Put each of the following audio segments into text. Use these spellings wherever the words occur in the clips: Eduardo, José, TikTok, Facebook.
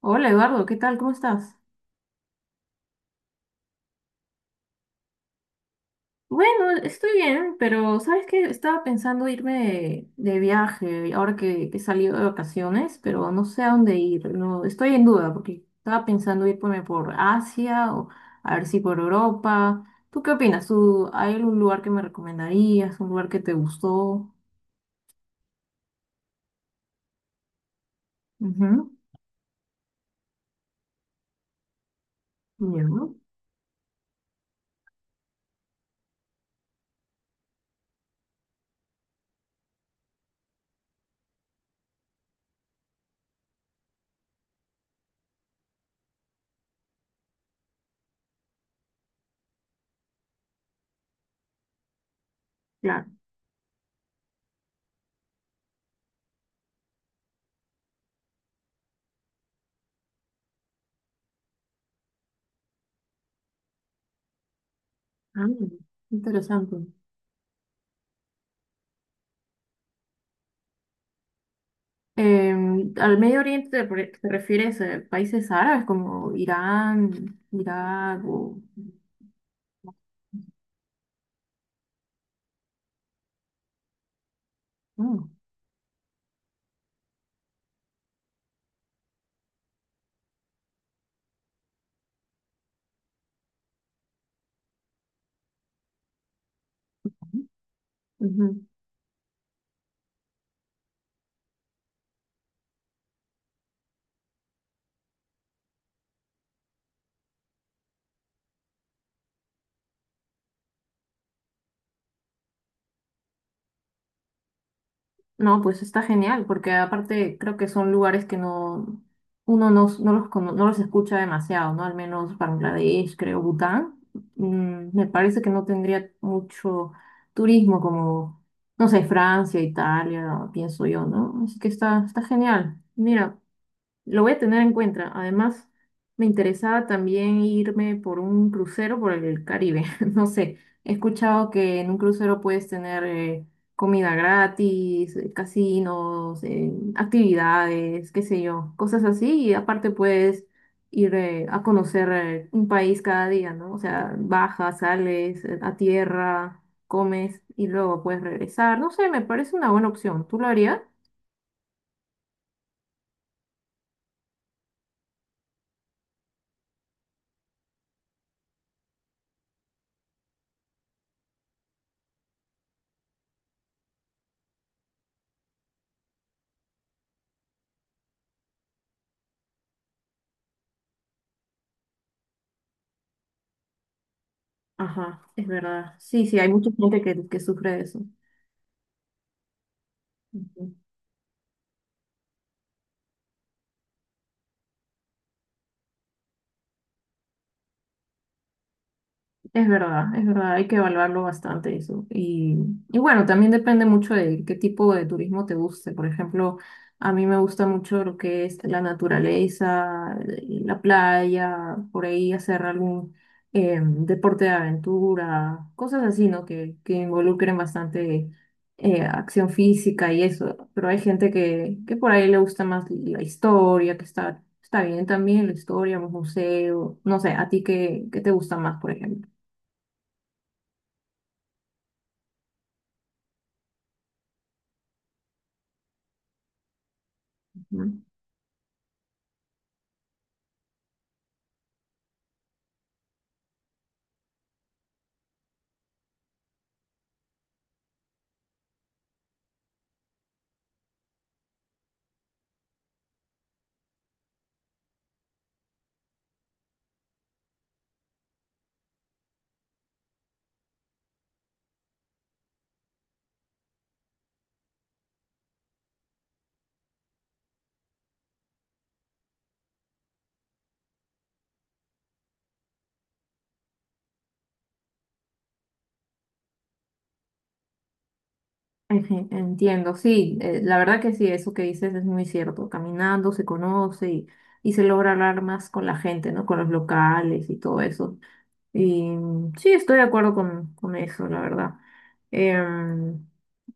Hola Eduardo, ¿qué tal? ¿Cómo estás? Bueno, estoy bien, pero ¿sabes qué? Estaba pensando irme de viaje ahora que he salido de vacaciones, pero no sé a dónde ir. No, estoy en duda porque estaba pensando irme por Asia o a ver si por Europa. ¿Tú qué opinas? ¿Tú, hay algún lugar que me recomendarías? ¿Un lugar que te gustó? Ujú, ya, ¿no? Claro. Ah, interesante. Al Medio Oriente te refieres a países árabes como Irán, Irak o... Mm, ujú. No, pues está genial, porque aparte creo que son lugares que no uno no, no los, cono- no los escucha demasiado, ¿no? Al menos Bangladesh, creo, Bután. Mm, me parece que no tendría mucho turismo como, no sé, Francia, Italia, pienso yo, ¿no? Así que está, está genial. Mira. Lo voy a tener en cuenta. Además, me interesaba también irme por un crucero por el Caribe. No sé, he escuchado que en un crucero puedes tener comida gratis, casinos, actividades, qué sé yo, cosas así. Y aparte puedes ir a conocer un país cada día, ¿no? O sea, bajas, sales a tierra, comes y luego puedes regresar. No sé, me parece una buena opción. ¿Tú lo harías? Ajá, es verdad. Sí, sí, hay mucha gente que sufre de eso. Ujú. Es verdad, hay que evaluarlo bastante eso. Y bueno, también depende mucho de qué tipo de turismo te guste. Por ejemplo, a mí me gusta mucho lo que es la naturaleza, la playa, por ahí hacer algún deporte de aventura, cosas así, ¿no? Que involucren bastante acción física y eso. Pero hay gente que por ahí le gusta más la historia, que está, está bien también, la historia, los museos, no sé, ¿a ti qué te gusta más, por ejemplo? Mm, entiendo, sí, la verdad que sí, eso que dices es muy cierto. Caminando se conoce y se logra hablar más con la gente, ¿no? Con los locales y todo eso. Y mm, sí, estoy de acuerdo con eso, la verdad. Em,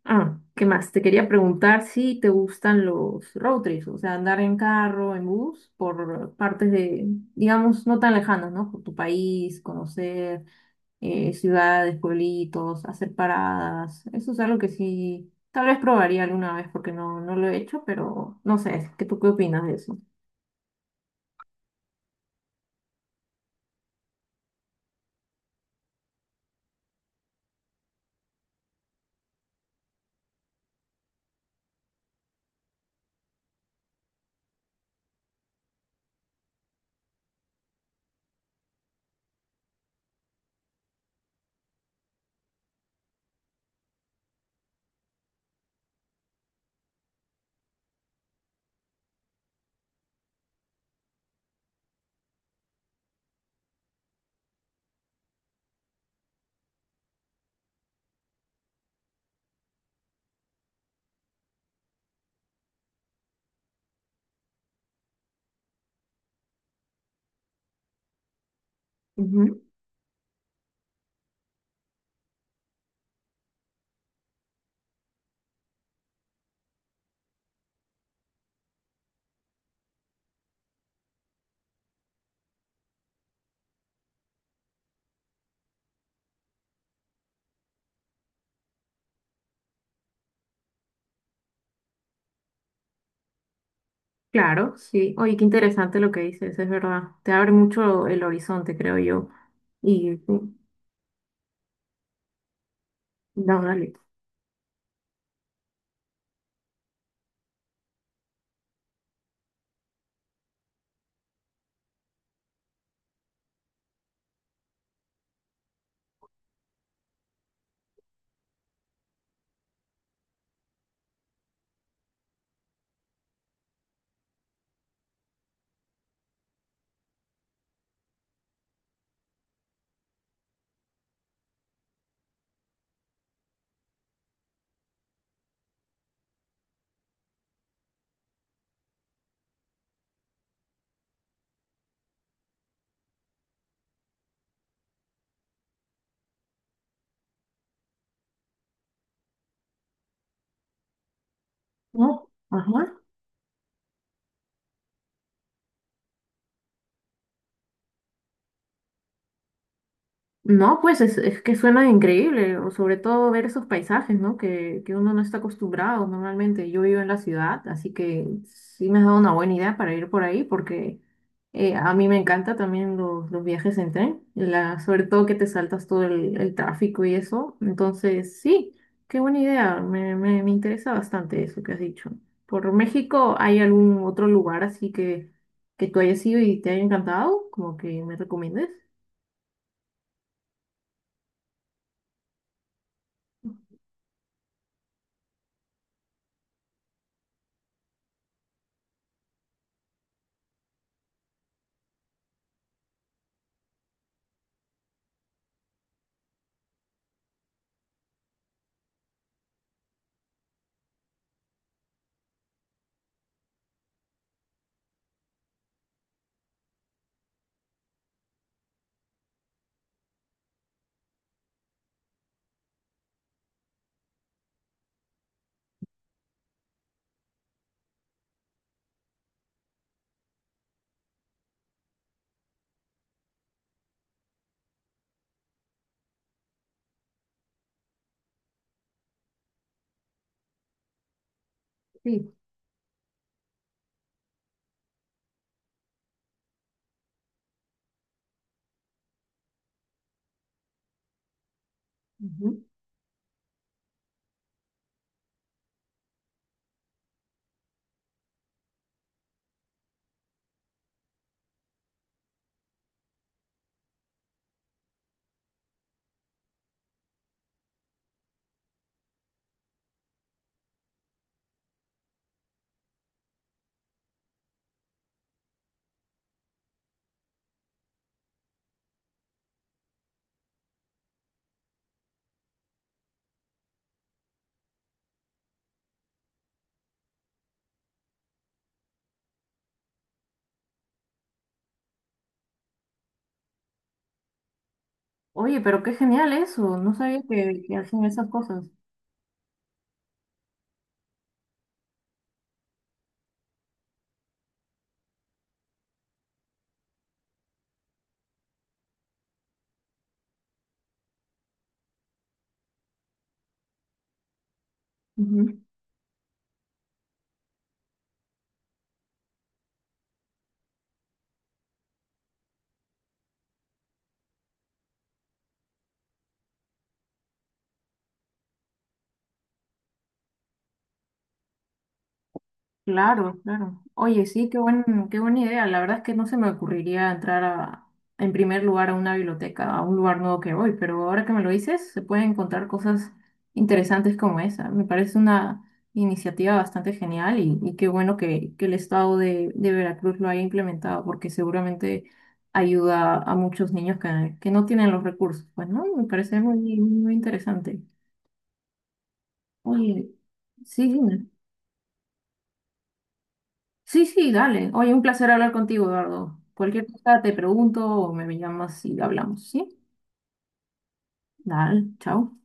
ah, ¿qué más? Te quería preguntar si te gustan los road trips, o sea, andar en carro, en bus, por partes de, digamos, no tan lejanas, ¿no? Por tu país, conocer ciudades, pueblitos, hacer paradas. Eso es algo que sí, tal vez probaría alguna vez porque no, no lo he hecho, pero no sé, ¿qué tú qué opinas de eso? Ujú. Claro, sí. Oye, qué interesante lo que dices, es verdad. Te abre mucho el horizonte, creo yo. Y sí, no, dale. ¿No? Ajá. No, pues es que suena increíble, o sobre todo ver esos paisajes, ¿no? Que uno no está acostumbrado normalmente. Yo vivo en la ciudad, así que sí me has dado una buena idea para ir por ahí, porque a mí me encanta también los viajes en tren, la, sobre todo que te saltas todo el tráfico y eso. Entonces, sí, qué buena idea, me interesa bastante eso que has dicho. ¿Por México hay algún otro lugar así que tú hayas ido y te haya encantado? Como que me recomiendes. Sí. Oye, pero qué genial eso. No sabía que hacían esas cosas. Ujú. Claro, claro. Oye, sí, qué buena idea. La verdad es que no se me ocurriría entrar a, en primer lugar a una biblioteca, a un lugar nuevo que voy, pero ahora que me lo dices, se pueden encontrar cosas interesantes como esa. Me parece una iniciativa bastante genial y qué bueno que el estado de Veracruz lo haya implementado, porque seguramente ayuda a muchos niños que no tienen los recursos. Pues, ¿no? Me parece muy, muy interesante. Oye, sí, dime. Sí, sí, dale. Oye, un placer hablar contigo, Eduardo. Cualquier cosa te pregunto o me llamas y hablamos, ¿sí? Dale, chao.